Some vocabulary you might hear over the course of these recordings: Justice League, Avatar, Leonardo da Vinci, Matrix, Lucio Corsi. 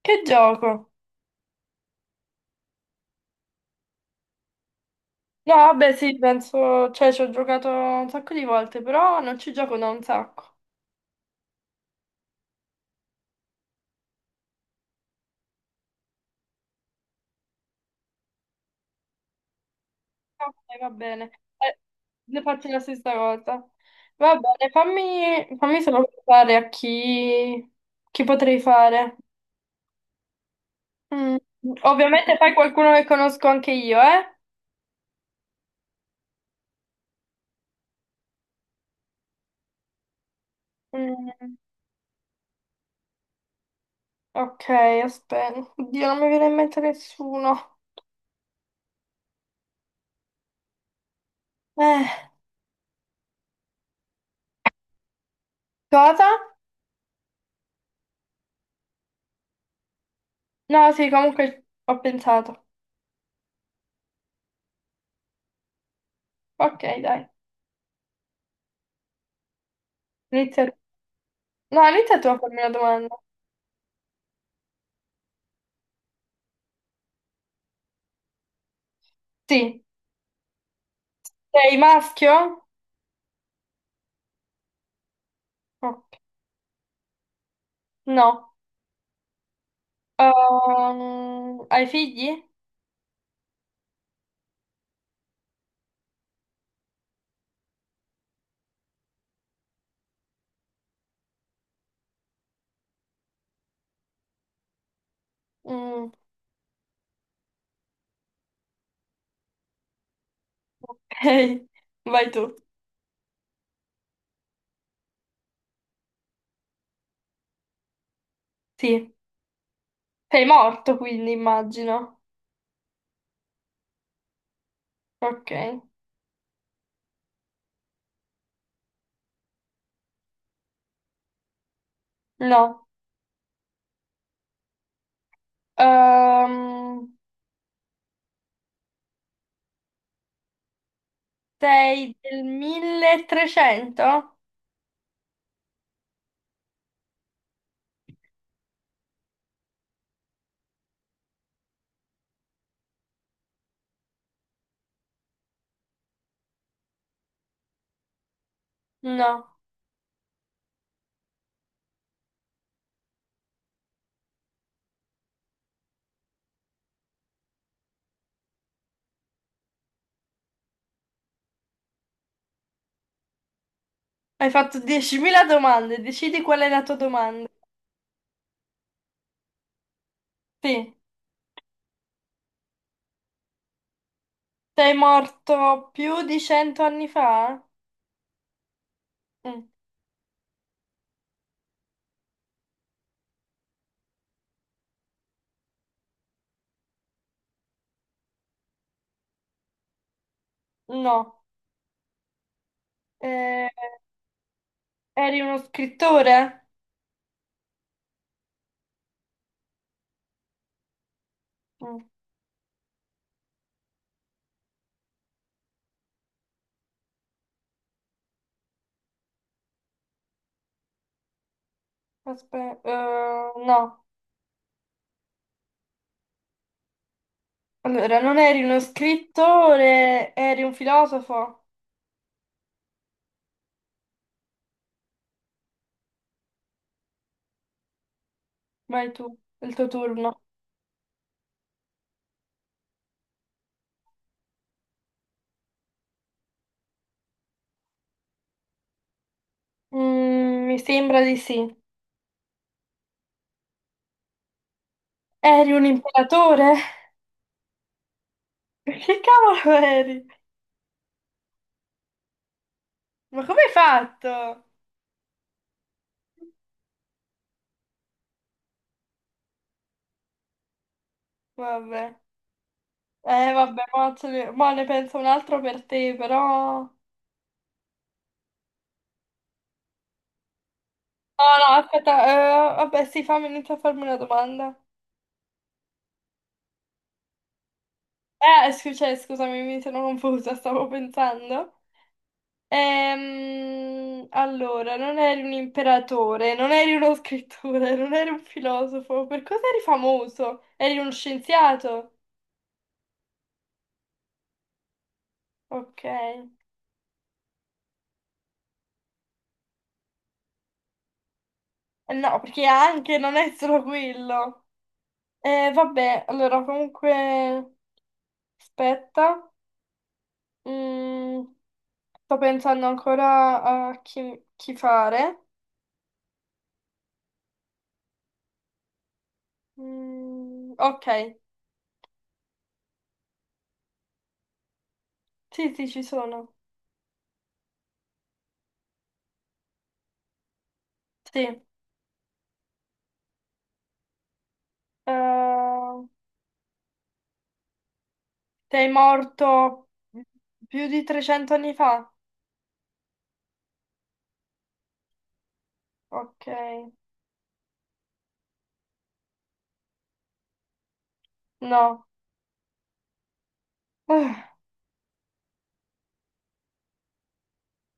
Che gioco? No, vabbè, sì, penso, cioè ci ho giocato un sacco di volte, però non ci gioco da un sacco. Ok, va bene. Eh, ne faccio la stessa cosa. Va bene, fammi solo pensare a chi, potrei fare. Mm. Ovviamente fai qualcuno che conosco anche io, eh? Mm, ok, aspetta. Oddio, non mi viene in mente nessuno. Eh, cosa? No, sì, comunque ho pensato. Ok, dai. Inizia. No, inizia tu a farmi una domanda. Sì. Sei maschio? Oh, no. Hai figli? Mm, ok. Vai tu. Sì. Sei morto, quindi immagino. Ok. No. Ehm, Sei del 1300? No. Hai fatto 10.000 domande, decidi qual è la tua domanda. Sì. Sei morto più di 100 anni fa? Mm, no. Eh, Eri uno scrittore? Mm. Aspetta, no. Allora, non eri uno scrittore, eri un filosofo? Vai tu, è il tuo turno. Mi sembra di sì. Eri un imperatore? Che cavolo eri? Ma come hai fatto? Vabbè. Vabbè, mo, ce ne mo ne penso un altro per te, però. No, no, aspetta, vabbè, sì, fammi iniziare a farmi una domanda. Cioè, scusami, mi sono confusa, stavo pensando. Allora, non eri un imperatore, non eri uno scrittore, non eri un filosofo. Per cosa eri famoso? Eri uno scienziato? Ok. No, perché anche non è solo quello. Vabbè, allora comunque. Aspetta. Mm, Sto pensando ancora a chi fare. Mm, ok. Sì, sì, ci sono. Sì. Ehm, Sei morto più di 300 anni fa? Ok, no. Ah,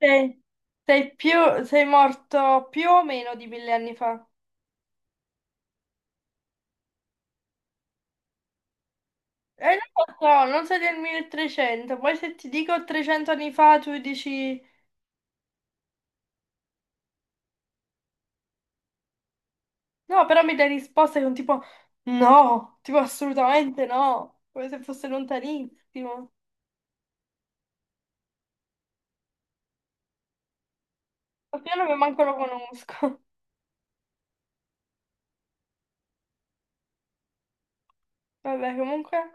Sei, sei più, sei morto più o meno di 1000 anni fa? Non lo so, non sei del 1300. Poi se ti dico 300 anni fa, tu dici. No, però mi dai risposte con tipo. No, tipo assolutamente no. Come se fosse lontanissimo. Ma io non mi manco lo conosco. Vabbè, comunque.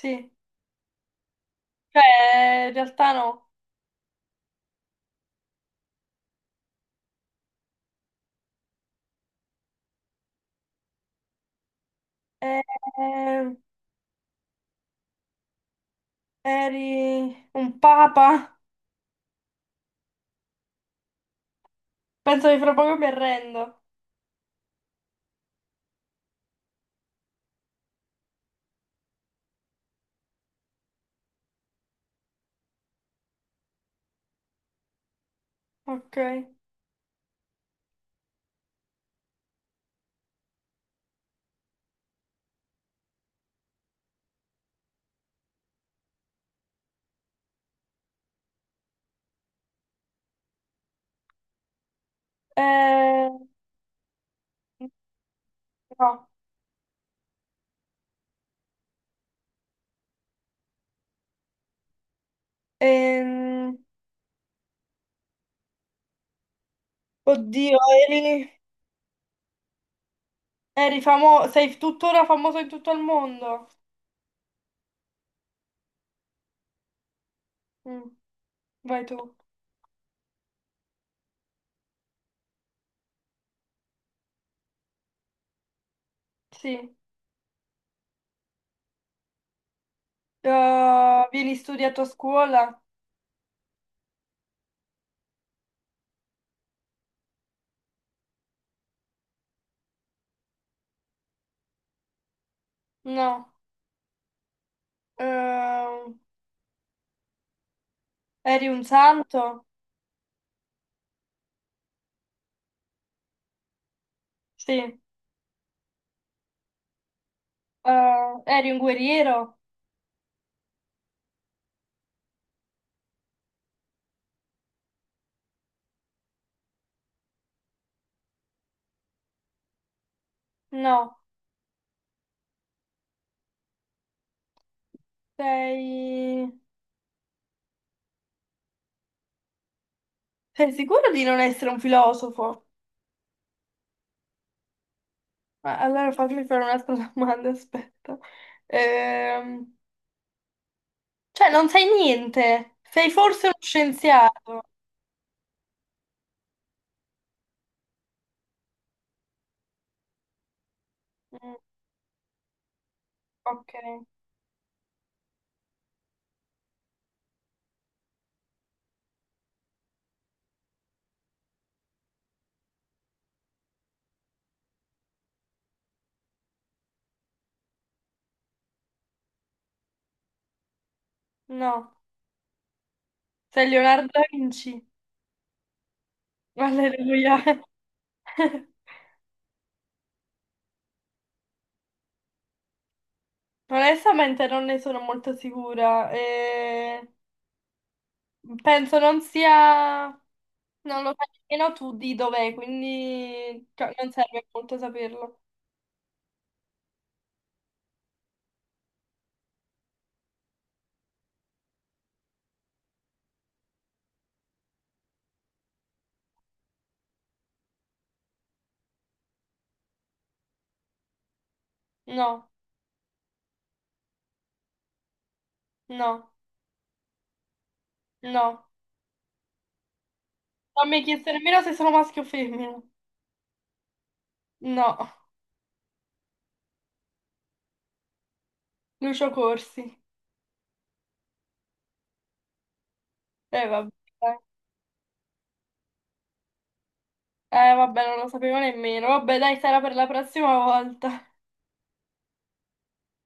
Sì. Cioè, in realtà no. Eh, Eri un papa? Penso che fra poco mi arrendo. Ok. Eh, no. Ehm, Oddio, eri, eri famoso. Sei tuttora famoso in tutto il mondo. Mm, Vai tu. Sì. Vieni studiato a scuola? No. Ehm, Eri un santo? Sì. Eri un guerriero? No. Sei... Sei sicuro di non essere un filosofo? Ma allora fammi fare un'altra domanda, aspetta. Ehm, cioè, non sai niente. Sei forse uno scienziato. Mm, ok, no. Sei Leonardo da Vinci. Alleluia. Onestamente non ne sono molto sicura. Penso non sia. Non lo sai nemmeno tu di dov'è, quindi cioè, non serve molto saperlo. No, no, no. Non mi hai chiesto nemmeno se sono maschio o femmina. No. Lucio Corsi. Vabbè, dai. Vabbè, non lo sapevo nemmeno. Vabbè, dai, sarà per la prossima volta.